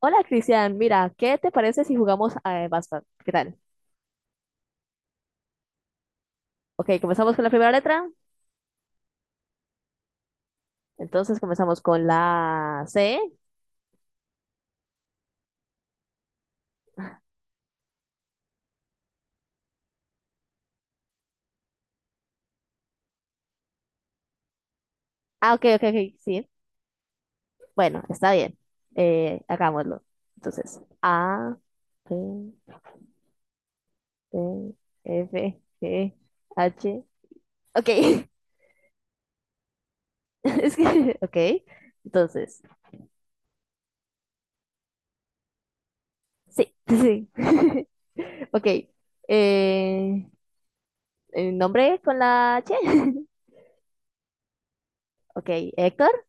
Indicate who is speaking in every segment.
Speaker 1: Hola, Cristian. Mira, ¿qué te parece si jugamos a Basta? ¿Qué tal? Ok, comenzamos con la primera letra. Entonces comenzamos con la C. Ah, ok, ok, ok, sí. Bueno, está bien. Hagámoslo. Entonces, A, B, C, F, G, H. Ok. Es que, ok. Entonces, sí, sí. Ok. Eh, ¿El nombre con la H? Ok, Héctor.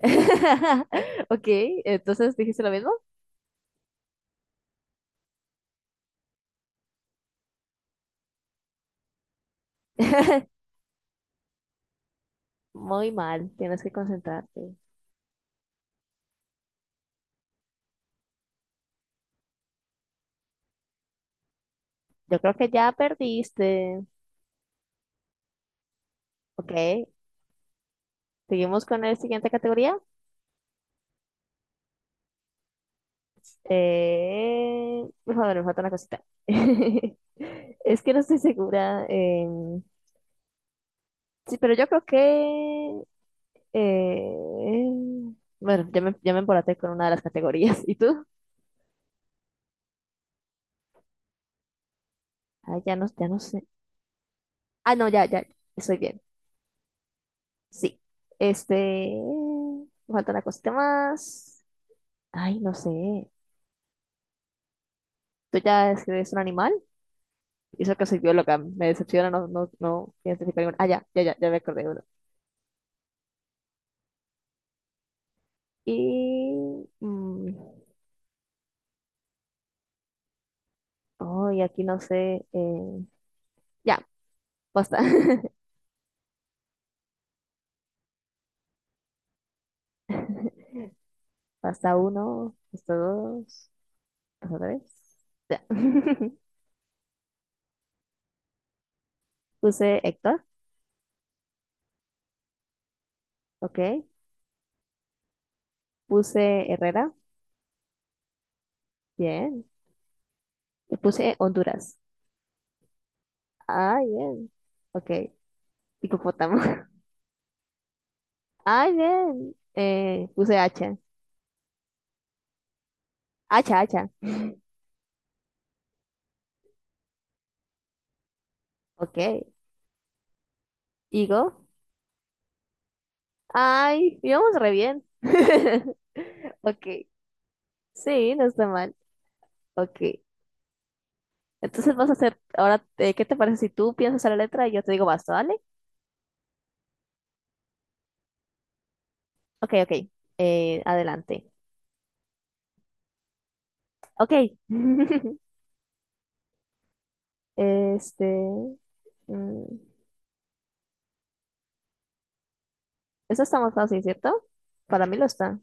Speaker 1: Ok, entonces dijiste lo mismo. Muy mal, tienes que concentrarte. Yo creo que ya perdiste. Ok, seguimos con la siguiente categoría. Por favor, me falta una cosita. Es que no estoy segura. Sí, pero yo creo que... eh, bueno, ya me embolaté con una de las categorías. ¿Y tú? Ah, ya no sé. Ah, no, ya, ya, estoy bien. Sí. Este. Me falta una cosita más. Ay, no sé. ¿Tú ya escribes un animal? Y eso que soy bióloga. Me decepciona, no, no, no identifico ningún. Ah, ya, ya, ya, ya me acordé de uno. Y, oh, y aquí no sé. Ya, basta. Basta uno, basta dos, basta tres. Ya. Puse Héctor, ok. Puse Herrera, bien. Y puse Honduras. Ah, bien. Ok. Hipopótamo. Ay, bien. Puse hacha. Hacha, hacha. Ok. Digo. Ay, íbamos re bien. Ok. Sí, no está mal. Ok. Entonces vas a hacer, ahora, ¿qué te parece si tú piensas en la letra y yo te digo basta, ¿vale? Ok, ok. Adelante. Ok. Este. mm, eso está más fácil, ¿cierto? Para mí lo está.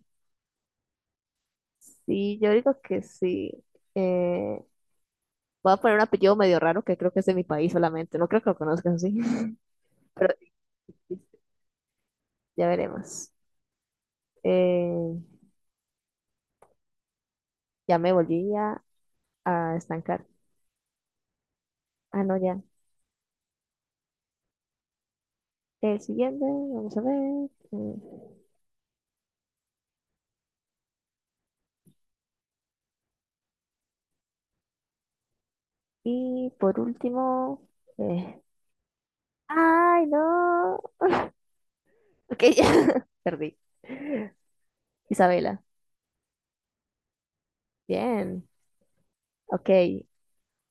Speaker 1: Sí, yo digo que sí. Eh, voy a poner un apellido medio raro que creo que es de mi país solamente. No creo que lo conozcas así, pero ya veremos. Eh, ya me volví a estancar. Ah, no, ya. El siguiente, vamos a ver. Y por último. eh, ¡Ay, no! Ok, ya. Perdí. Isabela. Bien. Ok.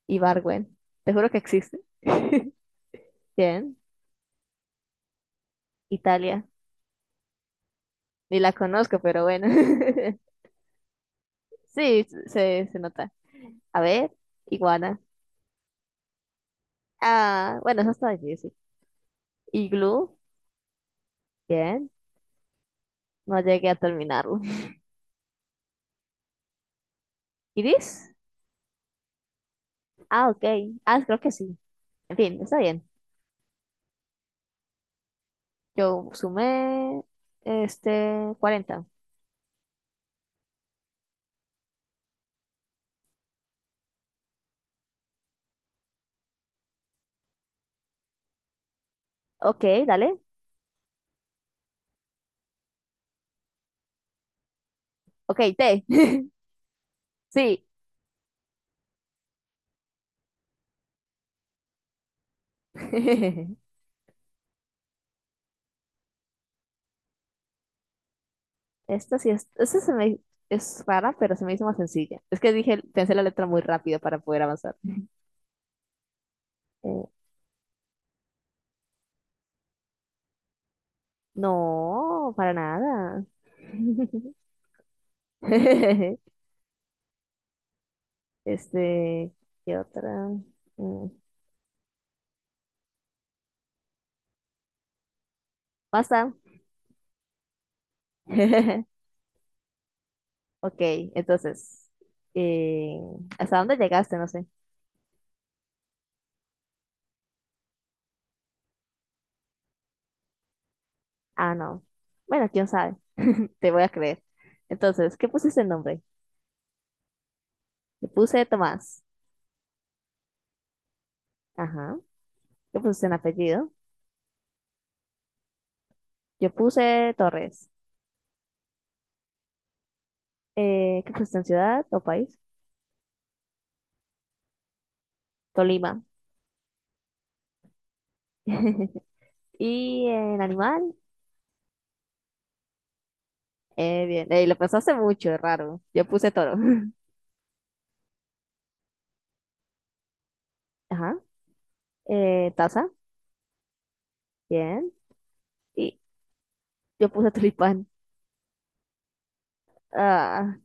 Speaker 1: Ibargüen. Te juro que existe. Bien. Italia. Ni la conozco, pero bueno. Sí, se nota. A ver, iguana. Ah, bueno, eso está difícil. Iglú, bien. No llegué a terminarlo. ¿Iris? Ah, ok. Ah, creo que sí. En fin, está bien. Yo sumé cuarenta. Ok, dale. Ok, T. Sí. Esta sí es. Esta se me Es rara, pero se me hizo más sencilla. Es que dije, pensé la letra muy rápido para poder avanzar. Eh, no, para nada. Este, ¿qué otra? Mm, pasa. Ok, entonces, eh, ¿hasta dónde llegaste? No sé. Ah, no. Bueno, quién sabe. Te voy a creer. Entonces, ¿qué pusiste en nombre? Yo puse Tomás. Ajá. ¿Qué pusiste en apellido? Yo puse Torres. ¿Qué pusiste en ciudad o país? Tolima. Y en animal, bien. Lo pensaste mucho, es raro. Yo puse toro. Ajá. Taza, bien. Y yo puse tulipán. Ah,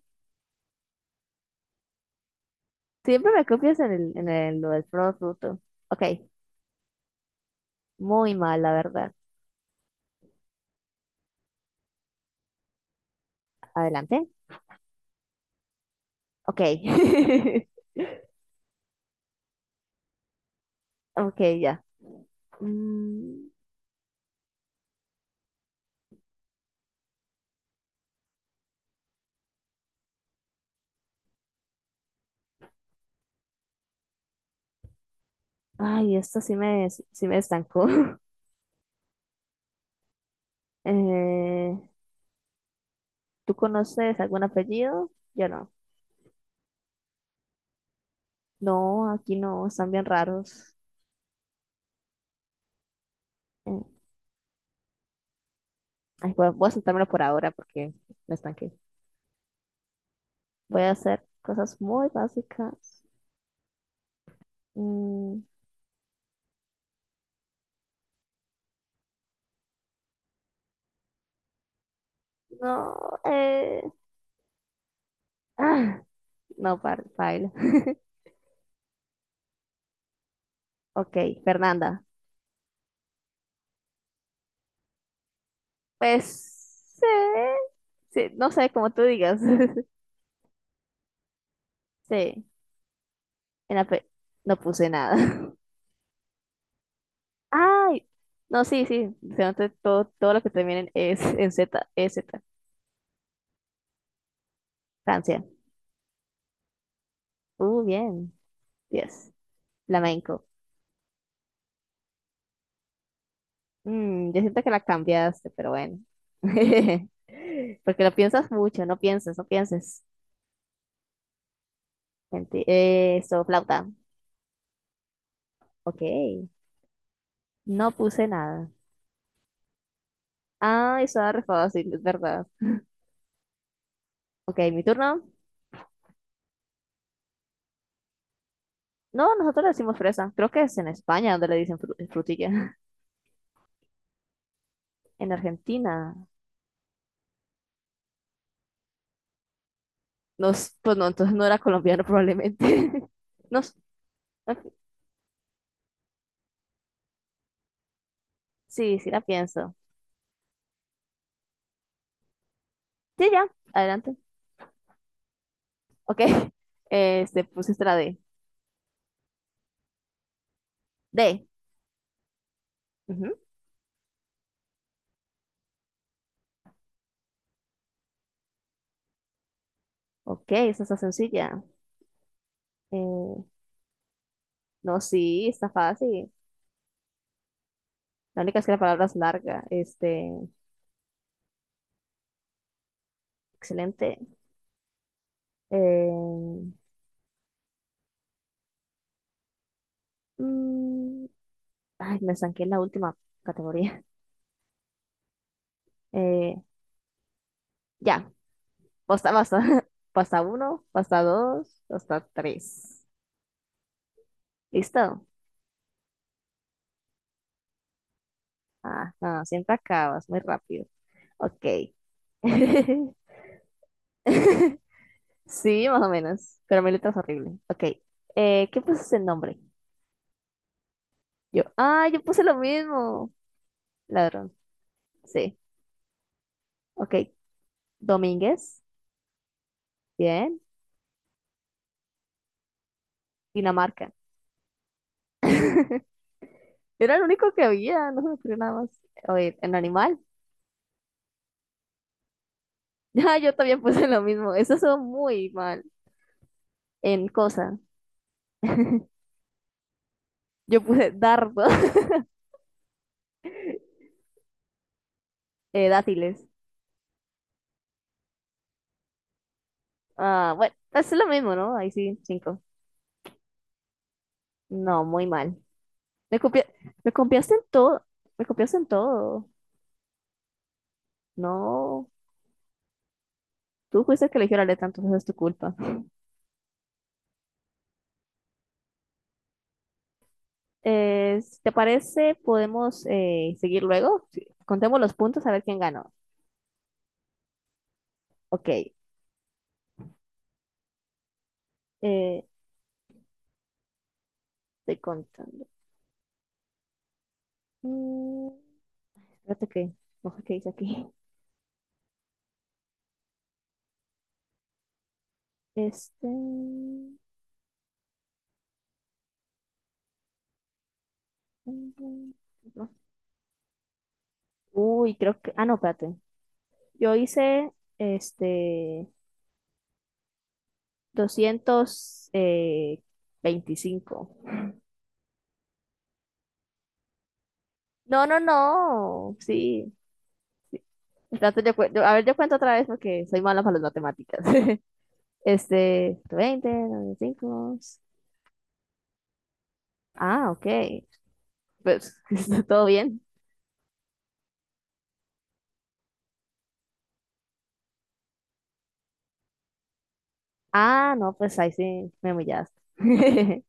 Speaker 1: siempre me copias en el, lo del producto. Ok, muy mal, la verdad. Adelante. Ok. Ok, ya. Mm, ay, esto sí me estancó. Eh, ¿tú conoces algún apellido? Yo no. No, aquí no, están bien raros. Eh, ay, voy a saltármelo por ahora porque me estanqué. Voy a hacer cosas muy básicas. Mm, no, eh, ah, no, para. Ok, Fernanda. Pues sí, sí, no sé, como tú digas. Sí, en la pe- no puse nada. Ay, no, sí, sí, se nota todo, todo lo que termina en es en Z, E. EZ. Francia. Bien. Yes. Flamenco. Yo siento que la cambiaste, pero bueno. Porque lo piensas mucho, no pienses, no pienses. Eso, flauta. Ok. No puse nada. Ah, eso era re fácil, es verdad. Ok, mi turno. No, nosotros le decimos fresa. Creo que es en España donde le dicen frutilla. En Argentina. No, pues no, entonces no era colombiano probablemente. No, ah, sí, sí la pienso. Sí, ya, adelante. Ok, pusiste la D. D. Ujú. Ok, esa está sencilla. Eh, no, sí, está fácil. La única es que la palabra es larga. Excelente. Eh, mm, ay, me estanqué en la última categoría. Eh, ya. Pasta, pasta, pasta uno, pasta dos, pasta tres. ¿Listo? Ah, no, siempre acabas muy rápido. Ok. Sí, más o menos. Pero mi letra es horrible. Ok. ¿Qué puse el nombre? Yo. Ah, yo puse lo mismo. Ladrón. Sí. Ok. Domínguez. Bien. Dinamarca. Era el único que había. No se me ocurrió nada más. Oye, en animal. Ah, yo también puse lo mismo. Eso son muy mal. En cosa. Yo puse dardo. Dátiles. Ah, bueno, pues es lo mismo, ¿no? Ahí sí, cinco. No, muy mal. Me copia- Me copiaste en todo. Me copiaste en todo. No, tú fuiste el que eligió la letra, entonces es tu culpa. Si ¿te parece? ¿Podemos seguir luego? Sí. Contemos los puntos a ver quién ganó. Ok, eh, estoy contando. Mm, espérate que, no sé qué dice aquí. Este... mm, mm, no. Uy, creo que... Ah, no, espérate. Yo hice este doscientos veinticinco. No, no, no. Sí. Entonces yo, a ver, yo cuento otra vez porque soy mala para las matemáticas. 20, 95. Ah, ok. Pues, ¿está todo bien? Ah, no, pues ahí sí me humillaste.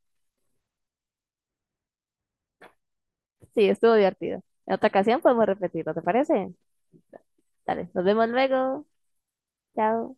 Speaker 1: Sí, estuvo divertido. En otra ocasión podemos repetirlo, ¿te parece? Dale, nos vemos luego. Chao.